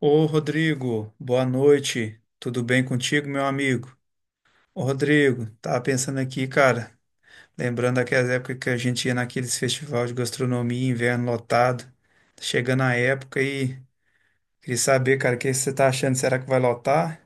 Ô Rodrigo, boa noite. Tudo bem contigo, meu amigo? Ô Rodrigo, tava pensando aqui, cara, lembrando daquelas épocas que a gente ia naqueles festivais de gastronomia, inverno lotado. Tá chegando a época e queria saber, cara, o que você tá achando? Será que vai lotar?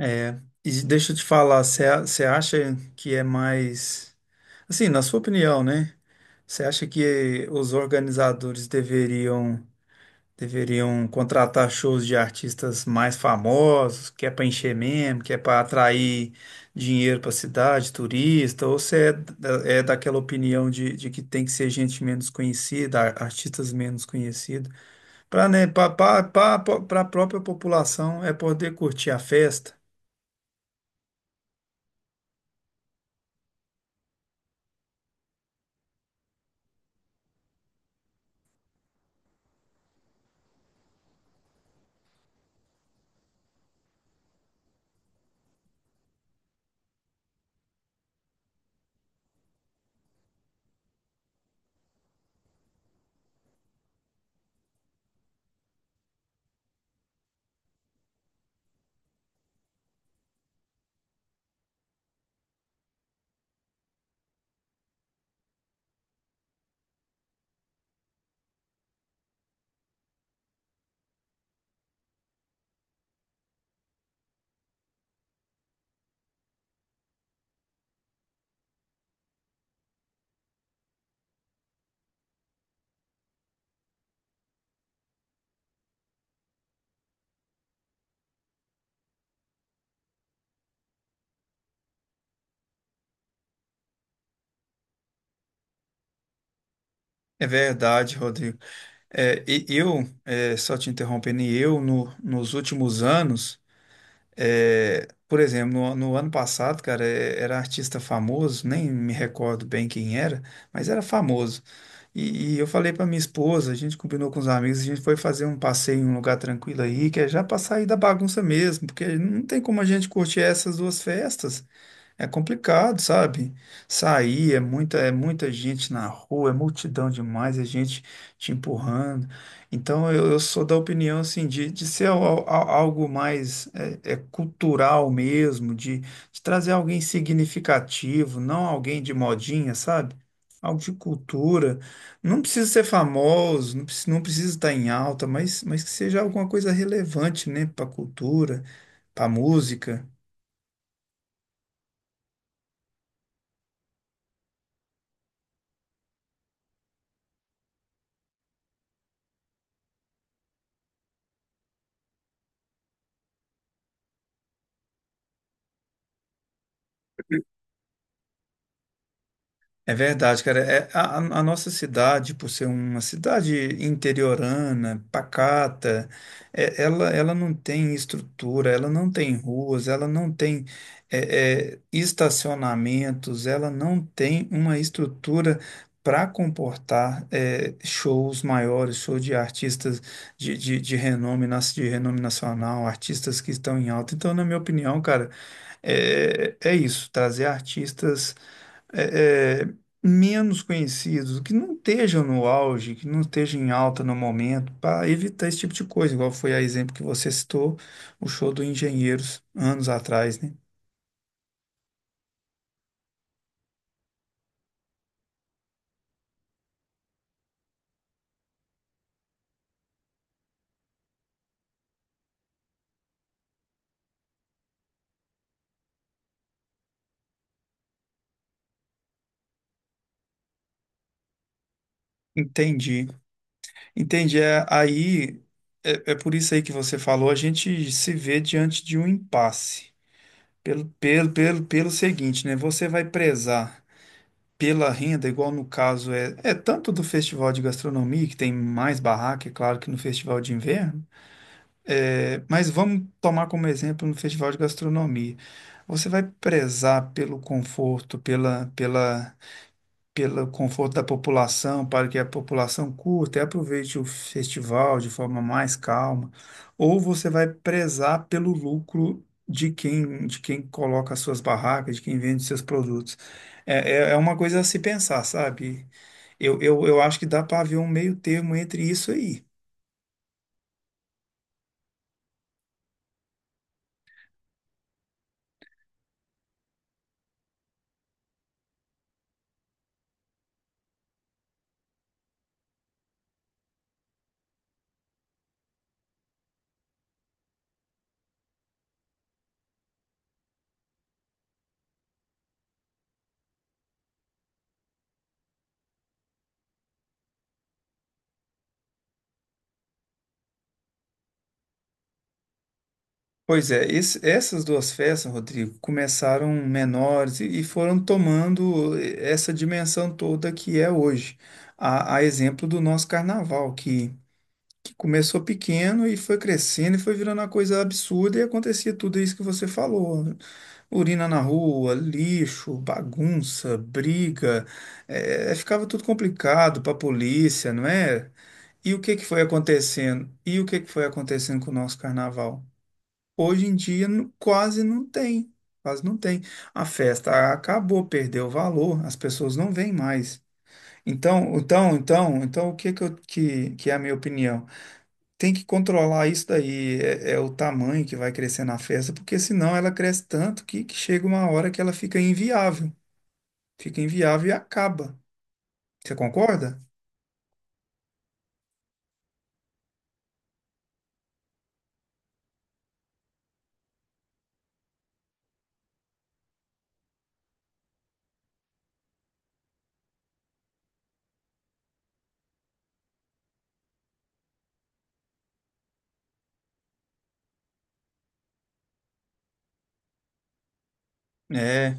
É, e deixa eu te falar, você acha que é mais. Assim, na sua opinião, né? Você acha que os organizadores deveriam. Deveriam contratar shows de artistas mais famosos, que é para encher mesmo, que é para atrair dinheiro para a cidade, turista, ou é daquela opinião de, que tem que ser gente menos conhecida, artistas menos conhecidos, para né, para a própria população poder curtir a festa. É verdade, Rodrigo. Só te interrompendo, e eu, no- nos últimos anos. É, por exemplo, no ano passado, cara, era artista famoso, nem me recordo bem quem era, mas era famoso. E eu falei pra minha esposa, a gente combinou com os amigos, a gente foi fazer um passeio em um lugar tranquilo aí, que é já pra sair da bagunça mesmo, porque não tem como a gente curtir essas duas festas. É complicado, sabe? Sair é muita gente na rua, é multidão demais, é gente te empurrando. Então eu sou da opinião assim de ser algo mais cultural mesmo, de trazer alguém significativo, não alguém de modinha, sabe? Algo de cultura. Não precisa ser famoso, não precisa, não precisa estar em alta, mas que seja alguma coisa relevante, né, para a cultura, para a música. É verdade, cara. A nossa cidade, por ser uma cidade interiorana, pacata, ela não tem estrutura, ela não tem ruas, ela não tem estacionamentos, ela não tem uma estrutura para comportar é, shows maiores, shows de artistas de renome, de renome nacional, artistas que estão em alta. Então, na minha opinião, cara, é isso, trazer artistas. é, é, menos conhecidos, que não estejam no auge, que não estejam em alta no momento, para evitar esse tipo de coisa, igual foi a exemplo que você citou, o show do Engenheiros, anos atrás, né? Entendi. Entendi. É, aí, é por isso aí que você falou, a gente se vê diante de um impasse. Pelo seguinte, né? Você vai prezar pela renda, igual no caso é tanto do festival de gastronomia, que tem mais barraca, é claro, que no festival de inverno. É, mas vamos tomar como exemplo no festival de gastronomia. Você vai prezar pelo conforto, pelo conforto da população, para que a população curta e aproveite o festival de forma mais calma, ou você vai prezar pelo lucro de quem coloca as suas barracas, de quem vende seus produtos. É uma coisa a se pensar, sabe? Eu acho que dá para haver um meio termo entre isso aí. Pois é, essas duas festas, Rodrigo, começaram menores e foram tomando essa dimensão toda que é hoje. A exemplo do nosso carnaval, que começou pequeno e foi crescendo e foi virando uma coisa absurda e acontecia tudo isso que você falou, né? Urina na rua, lixo, bagunça, briga, ficava tudo complicado para a polícia, não é? E o que que foi acontecendo? E o que que foi acontecendo com o nosso carnaval? Hoje em dia quase não tem, quase não tem. A festa acabou, perdeu o valor, as pessoas não vêm mais. Então, então, então, então, o que que, eu- que é a minha opinião? Tem que controlar isso daí, é o tamanho que vai crescer na festa, porque senão ela cresce tanto que chega uma hora que ela fica inviável e acaba. Você concorda? é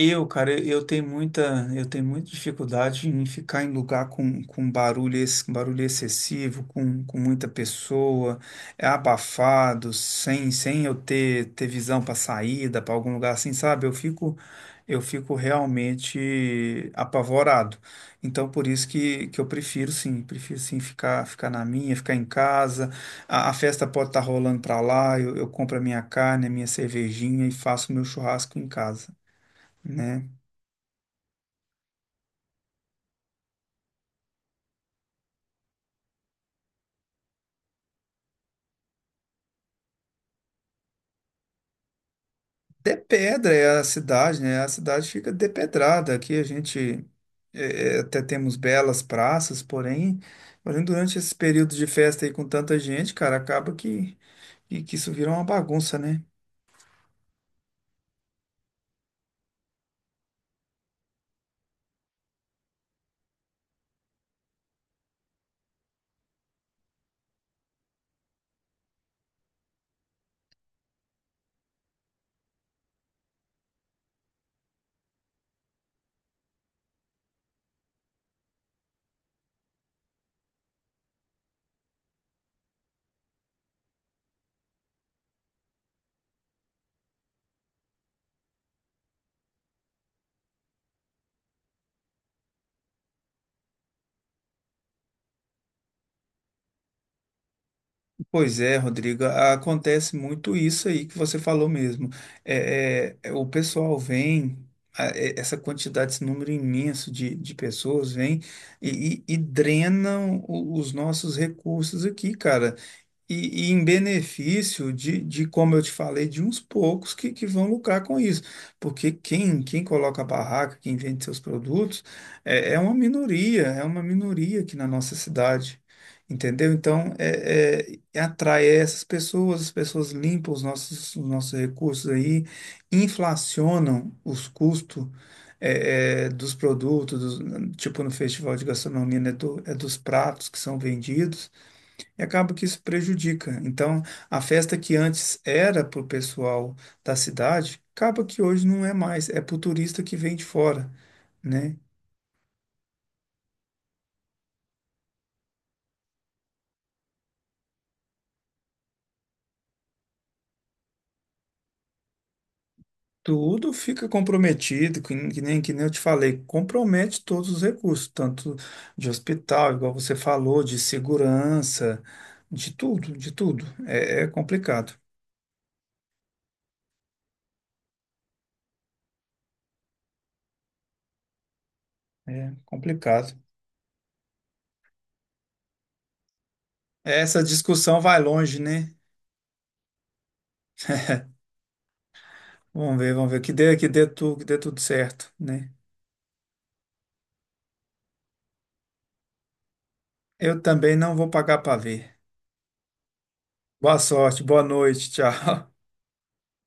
Eu, cara, eu tenho muita dificuldade em ficar em lugar com barulho, com barulho excessivo, com muita pessoa, é abafado, sem eu ter visão para saída, para algum lugar assim, sabe? Eu fico realmente apavorado. Então, por isso que eu prefiro sim ficar na minha, ficar em casa. A festa pode estar rolando para lá, eu compro a minha carne, a minha cervejinha e faço o meu churrasco em casa, né? De Pedra é a cidade, né? A cidade fica depedrada. Aqui a gente até temos belas praças, porém durante esse período de festa aí com tanta gente, cara, acaba que isso vira uma bagunça, né? Pois é, Rodrigo, acontece muito isso aí que você falou mesmo. O pessoal vem, essa quantidade, esse número imenso de pessoas vem e drenam os nossos recursos aqui, cara. E em benefício como eu te falei, de uns poucos que vão lucrar com isso. Porque quem coloca a barraca, quem vende seus produtos, é uma minoria aqui na nossa cidade. Entendeu? Então, é atrai essas pessoas, as pessoas limpam os nossos recursos aí, inflacionam os custos dos produtos, dos- tipo no Festival de Gastronomia, né, do- é dos pratos que são vendidos E acaba que isso prejudica. Então, a festa que antes era para o pessoal da cidade, acaba que hoje não é mais, é para o turista que vem de fora, né? Tudo fica comprometido, que nem eu te falei, compromete todos os recursos, tanto de hospital, igual você falou, de segurança, de tudo, de tudo. É complicado. Essa discussão vai longe, né? Vamos ver, que dê tudo certo, né? Eu também não vou pagar para ver. Boa sorte, boa noite, tchau.